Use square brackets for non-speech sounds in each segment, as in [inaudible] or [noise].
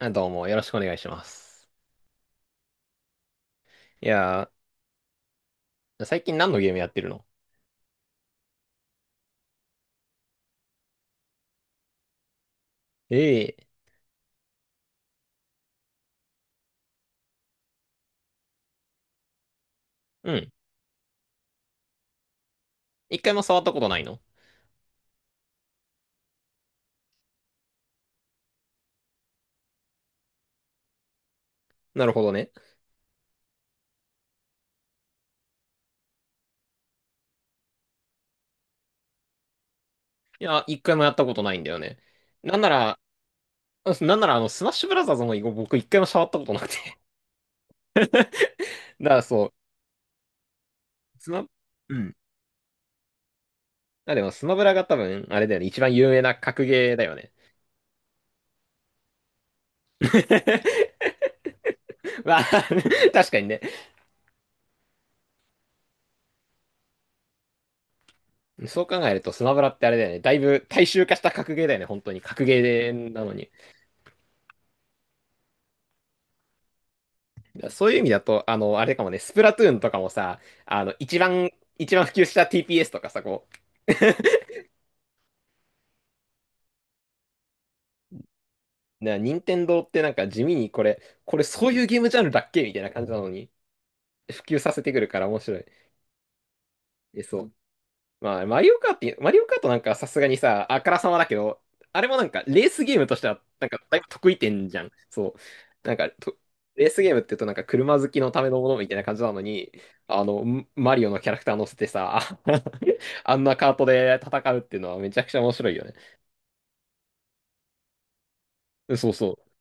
あ、どうも、よろしくお願いします。いや最近何のゲームやってるの？ええ。うん。一回も触ったことないの？なるほどね。いや、一回もやったことないんだよね。なんなら、なんなら、スマッシュブラザーズも僕一回も触ったことなくて。[laughs] だからそう、スマ、うん。あ、でもスマブラが多分、あれだよね、一番有名な格ゲーだよね。[laughs] まあ、[laughs] 確かにね。そう考えるとスマブラってあれだよね、だいぶ大衆化した格ゲーだよね、本当に。格ゲーなのに。そういう意味だと、あれかもね、スプラトゥーンとかもさ、あの、一番、一番普及した TPS とかさ、任天堂ってなんか地味にこれそういうゲームジャンルだっけみたいな感じなのに、普及させてくるから面白い。え、そう。まあ、マリオカートなんかはさすがにさ、あからさまだけど、あれもなんかレースゲームとしては、なんかだいぶ得意点じゃん。そう。なんかと、レースゲームって言うとなんか車好きのためのものみたいな感じなのに、マリオのキャラクター乗せてさ、[laughs] あんなカートで戦うっていうのはめちゃくちゃ面白いよね。そうそう。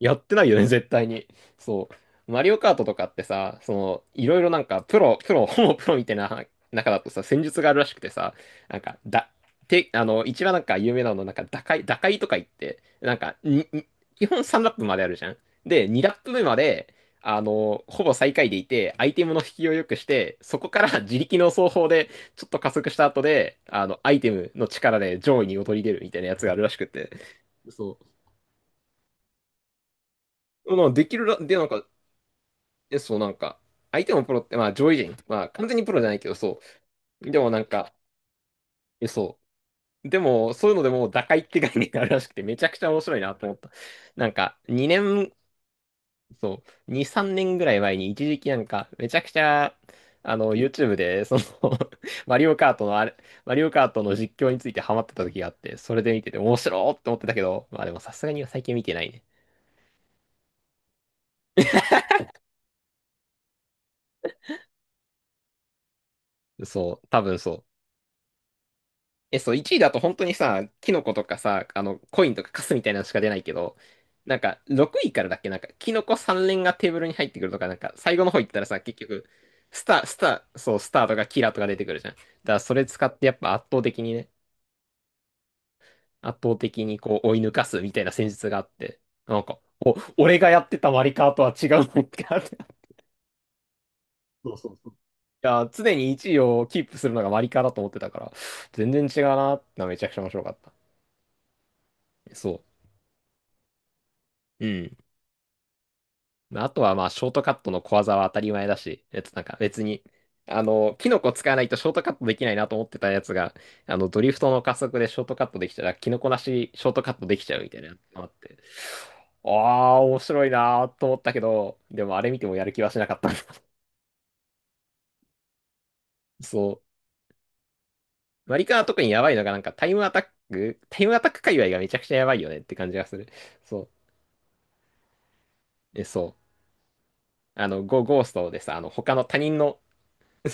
やってないよね、絶対に。そう。マリオカートとかってさ、その、いろいろなんか、プロ、プロ、[laughs] ほぼプロみたいな中だとさ、戦術があるらしくてさ、なんか、だ、て、あの、一番なんか有名なの、打開とか言って、なんか、に、に基本3ラップまであるじゃん。で、2ラップ目まで、ほぼ最下位でいて、アイテムの引きを良くして、そこから [laughs] 自力の走法で、ちょっと加速した後で、アイテムの力で上位に躍り出るみたいなやつがあるらしくて。そう。まあできるら、で、なんか、え、そう、相手もプロって、まあ上位陣、まあ完全にプロじゃないけど、そう。でもなんか、え、そう。でも、そういうのでもう打開って概念があるらしくて、めちゃくちゃ面白いなと思った。なんか、2年、そう、2、3年ぐらい前に一時期なんか、めちゃくちゃ、あの、YouTube で、その [laughs] マリオカートのあれ、マリオカートの実況についてハマってた時があって、それで見てて面白ーって思ってたけど、まあでもさすがに最近見てないね。そう、多分そう。え、そう、1位だと本当にさ、キノコとかさ、コインとかカスみたいなのしか出ないけど、なんか、6位からだっけ、なんか、キノコ3連がテーブルに入ってくるとか、なんか、最後の方行ったらさ、結局、スター、そう、スターとかキラーとか出てくるじゃん。だから、それ使ってやっぱ圧倒的にね、圧倒的にこう、追い抜かすみたいな戦術があって、なんか、俺がやってたマリカーとは違うのかって。[laughs] いや、常に1位をキープするのがマリカーだと思ってたから、全然違うなってのはめちゃくちゃ面白かった。そう。うん。まあとはまあ、ショートカットの小技は当たり前だし、えっと、なんか別に、あの、キノコ使わないとショートカットできないなと思ってたやつが、ドリフトの加速でショートカットできたら、キノコなしショートカットできちゃうみたいなのがあって、ああ、面白いなーと思ったけど、でもあれ見てもやる気はしなかった。[laughs] そう。マリカは特にやばいのがなんかタイムアタック界隈がめちゃくちゃやばいよねって感じがする。そう。え、そう。ゴーストでさ、他の他人の、[laughs]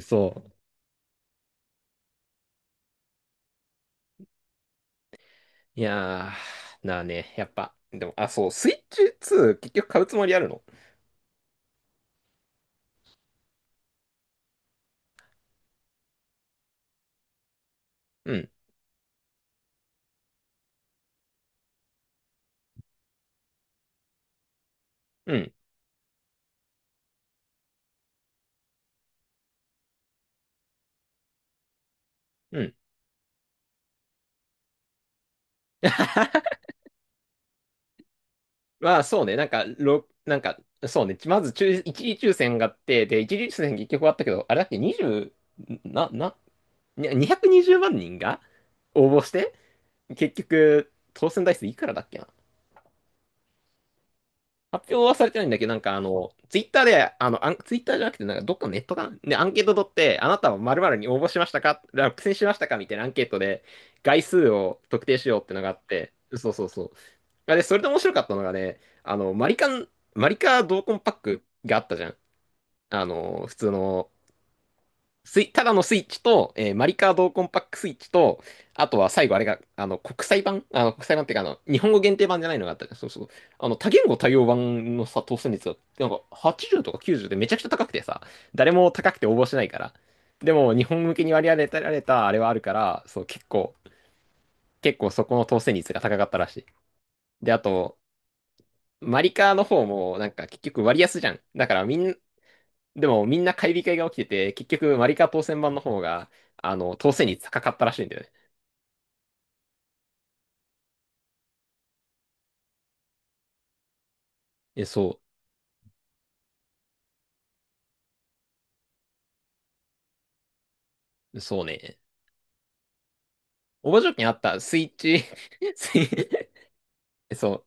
そう。いやなあね、やっぱ。でも、あ、そう、スイッチ2、結局買うつもりあるの？うん、うん、うん。まあ、そうね、なんか、ろ、なんか、そうね、まず抽、一次抽選があって、で、一次抽選結局あったけど、あれだっけ、20、な、な、に220万人が応募して、結局、当選台数いくらだっけな。発表はされてないんだけど、ツイッターじゃなくて、なんかどっかのネットかなで、アンケート取って、あなたは〇〇に応募しましたか落選しましたかみたいなアンケートで、概数を特定しようってのがあって、そうそうそう。それで面白かったのがね、マリカ同梱パックがあったじゃん。あの、普通のスイ、ただのスイッチと、マリカードコンパックスイッチと、あとは最後あれが、国際版っていうか、日本語限定版じゃないのがあったじゃん。そうそう。多言語対応版のさ、当選率が、なんか80とか90でめちゃくちゃ高くてさ、誰も高くて応募しないから。でも、日本向けに割り当てられたあれはあるから、そう、結構そこの当選率が高かったらしい。で、あと、マリカーの方も、なんか結局割安じゃん。だからみんな、でもみんな買い控えが起きてて、結局マリカ当選版の方が、当選率高かったらしいんだよね。え、そう、そうね。応募条件あった、スイッチ、[laughs] スイえ、そう、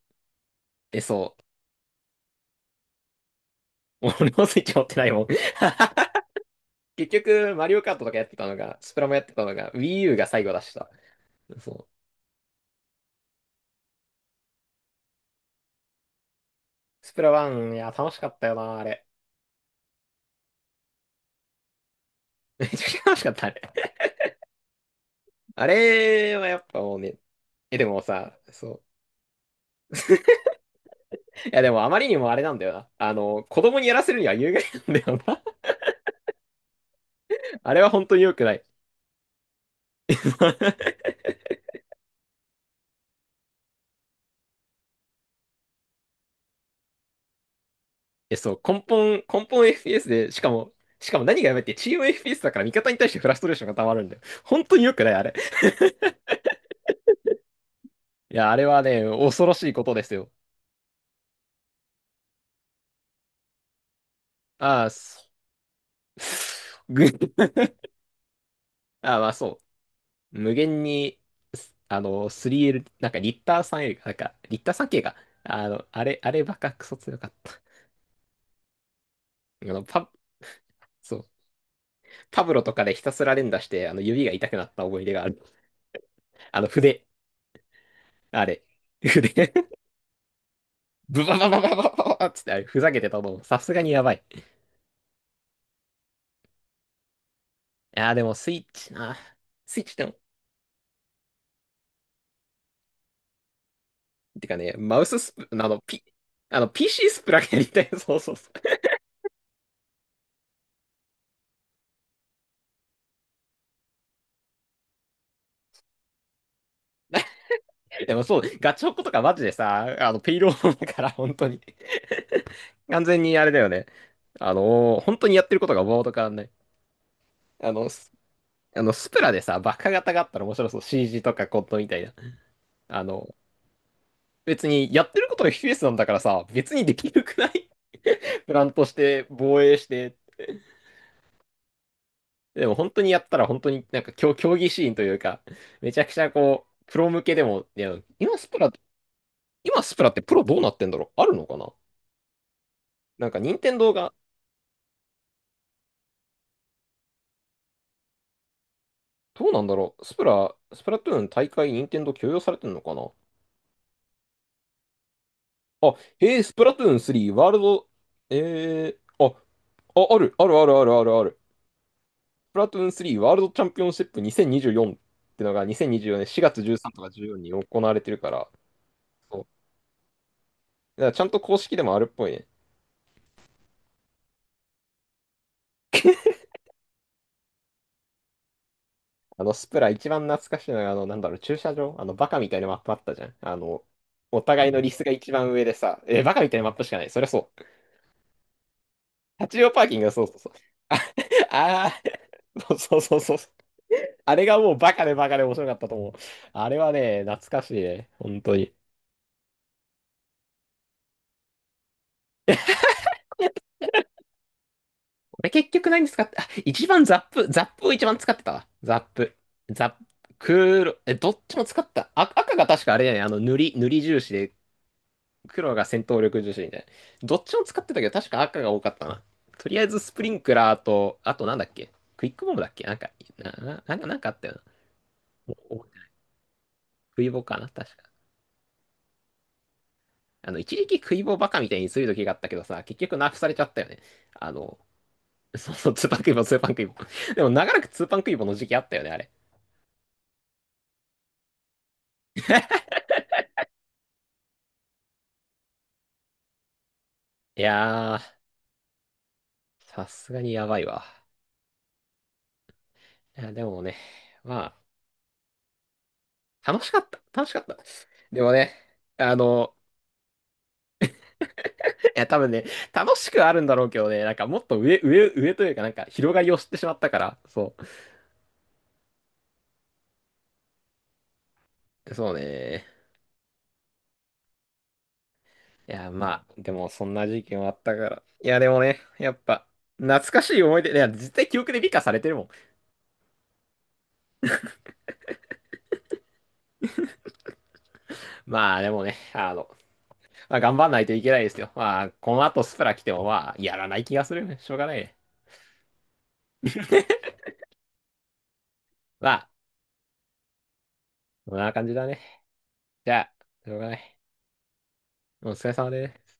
え、そう。俺もスイッチ持ってないもん。結局、マリオカートとかやってたのが、スプラもやってたのが、Wii U が最後出した。そう。スプラ1、いや、楽しかったよな、あれ。めちゃくちゃ楽しかった、あれ。あれはやっぱもうね、え、でもさ、そう。[laughs] いや、でもあまりにもあれなんだよな。子供にやらせるには有害なんだよな。あれは本当に良くない。[laughs] え、そう、根本 FPS で、しかも何がやばいって、チーム FPS だから味方に対してフラストレーションが溜まるんだよ。本当に良くない、あれ。[laughs] いや、あれはね、恐ろしいことですよ。ああ、そう。ぐ [laughs] ああ、まあそう。無限に、あの、3L、なんかリッター 3L か、なんか、リッター 3K が、あの、あれ、あればかクソ強かった。あの、パ、そう。パブロとかでひたすら連打して、指が痛くなった思い出がある。あの、筆。あれ。[laughs] 筆。ブババババババババっつって、あれふざけてたの、さすがにやばい。でもスイッチな。スイッチでも、てかね、マウススプ、あの、ピ、あの、PC スプラやりたい。そうそうそう。なでもそう、ガチホコとかマジでさ、ペイロードだから、本当に。完全にあれだよね。本当にやってることがボード変わんない。あの、ススプラでさ、バカ型があったら面白そう。CG とかコットンみたいな。あの、別にやってることが FPS なんだからさ、別にできるくない？プランとして、防衛して。でも本当にやったら本当になんか競技シーンというか、めちゃくちゃこう、プロ向けでも、今スプラってプロどうなってんだろう？あるのかな？なんか任天堂が、どうなんだろう、スプラトゥーン大会任天堂許容されてんのかな？あ、へえ、スプラトゥーン3ワールド、えー、あ、あ、あるあるあるあるある。スプラトゥーン3ワールドチャンピオンシップ2024ってのが2024年4月13とか14に行われてるから、そう、だからちゃんと公式でもあるっぽいね。スプラ一番懐かしいのが、なんだろう、駐車場、バカみたいなマップあったじゃん。お互いのリスが一番上でさ、え、バカみたいなマップしかない。そりゃそう。立ち用パーキングが、そうそうそう。あー、そうそうそうそう。あれがもうバカでバカで面白かったと思う。あれはね、懐かしいね。本当に。俺結局何使って、あ、一番ザップ、ザップを一番使ってたわ。ザップ。ザップ、クール、え、どっちも使った。あ、赤が確かあれだよね。塗り重視で、黒が戦闘力重視みたいな。どっちも使ってたけど、確か赤が多かったな。とりあえずスプリンクラーと、あとなんだっけ、クイックボムだっけ、な、なんかあったよな。お、クイボかな確か。一時期クイボバカみたいにする時があったけどさ、結局ナーフされちゃったよね。あの、そう、ツーパンクイボ。[laughs] でも長らくツーパンクイボの時期あったよね、あれ。いやー、さすがにやばいわ。いや、でもね、まあ、楽しかった。楽しかった。でもね、あの、いや、多分ね、楽しくはあるんだろうけどね、なんかもっと上というか、なんか広がりを知ってしまったから、そう。そうね。いや、まあ、でもそんな時期もあったから。いや、でもね、やっぱ、懐かしい思い出、いや、絶対記憶で美化されてるもん。まあ、でもね、あの、まあ、頑張んないといけないですよ。まあ、この後スプラ来ても、まあ、やらない気がするね。しょうがないね。まあ、こんな感じだね。じゃあ、しょうがない。お疲れ様です。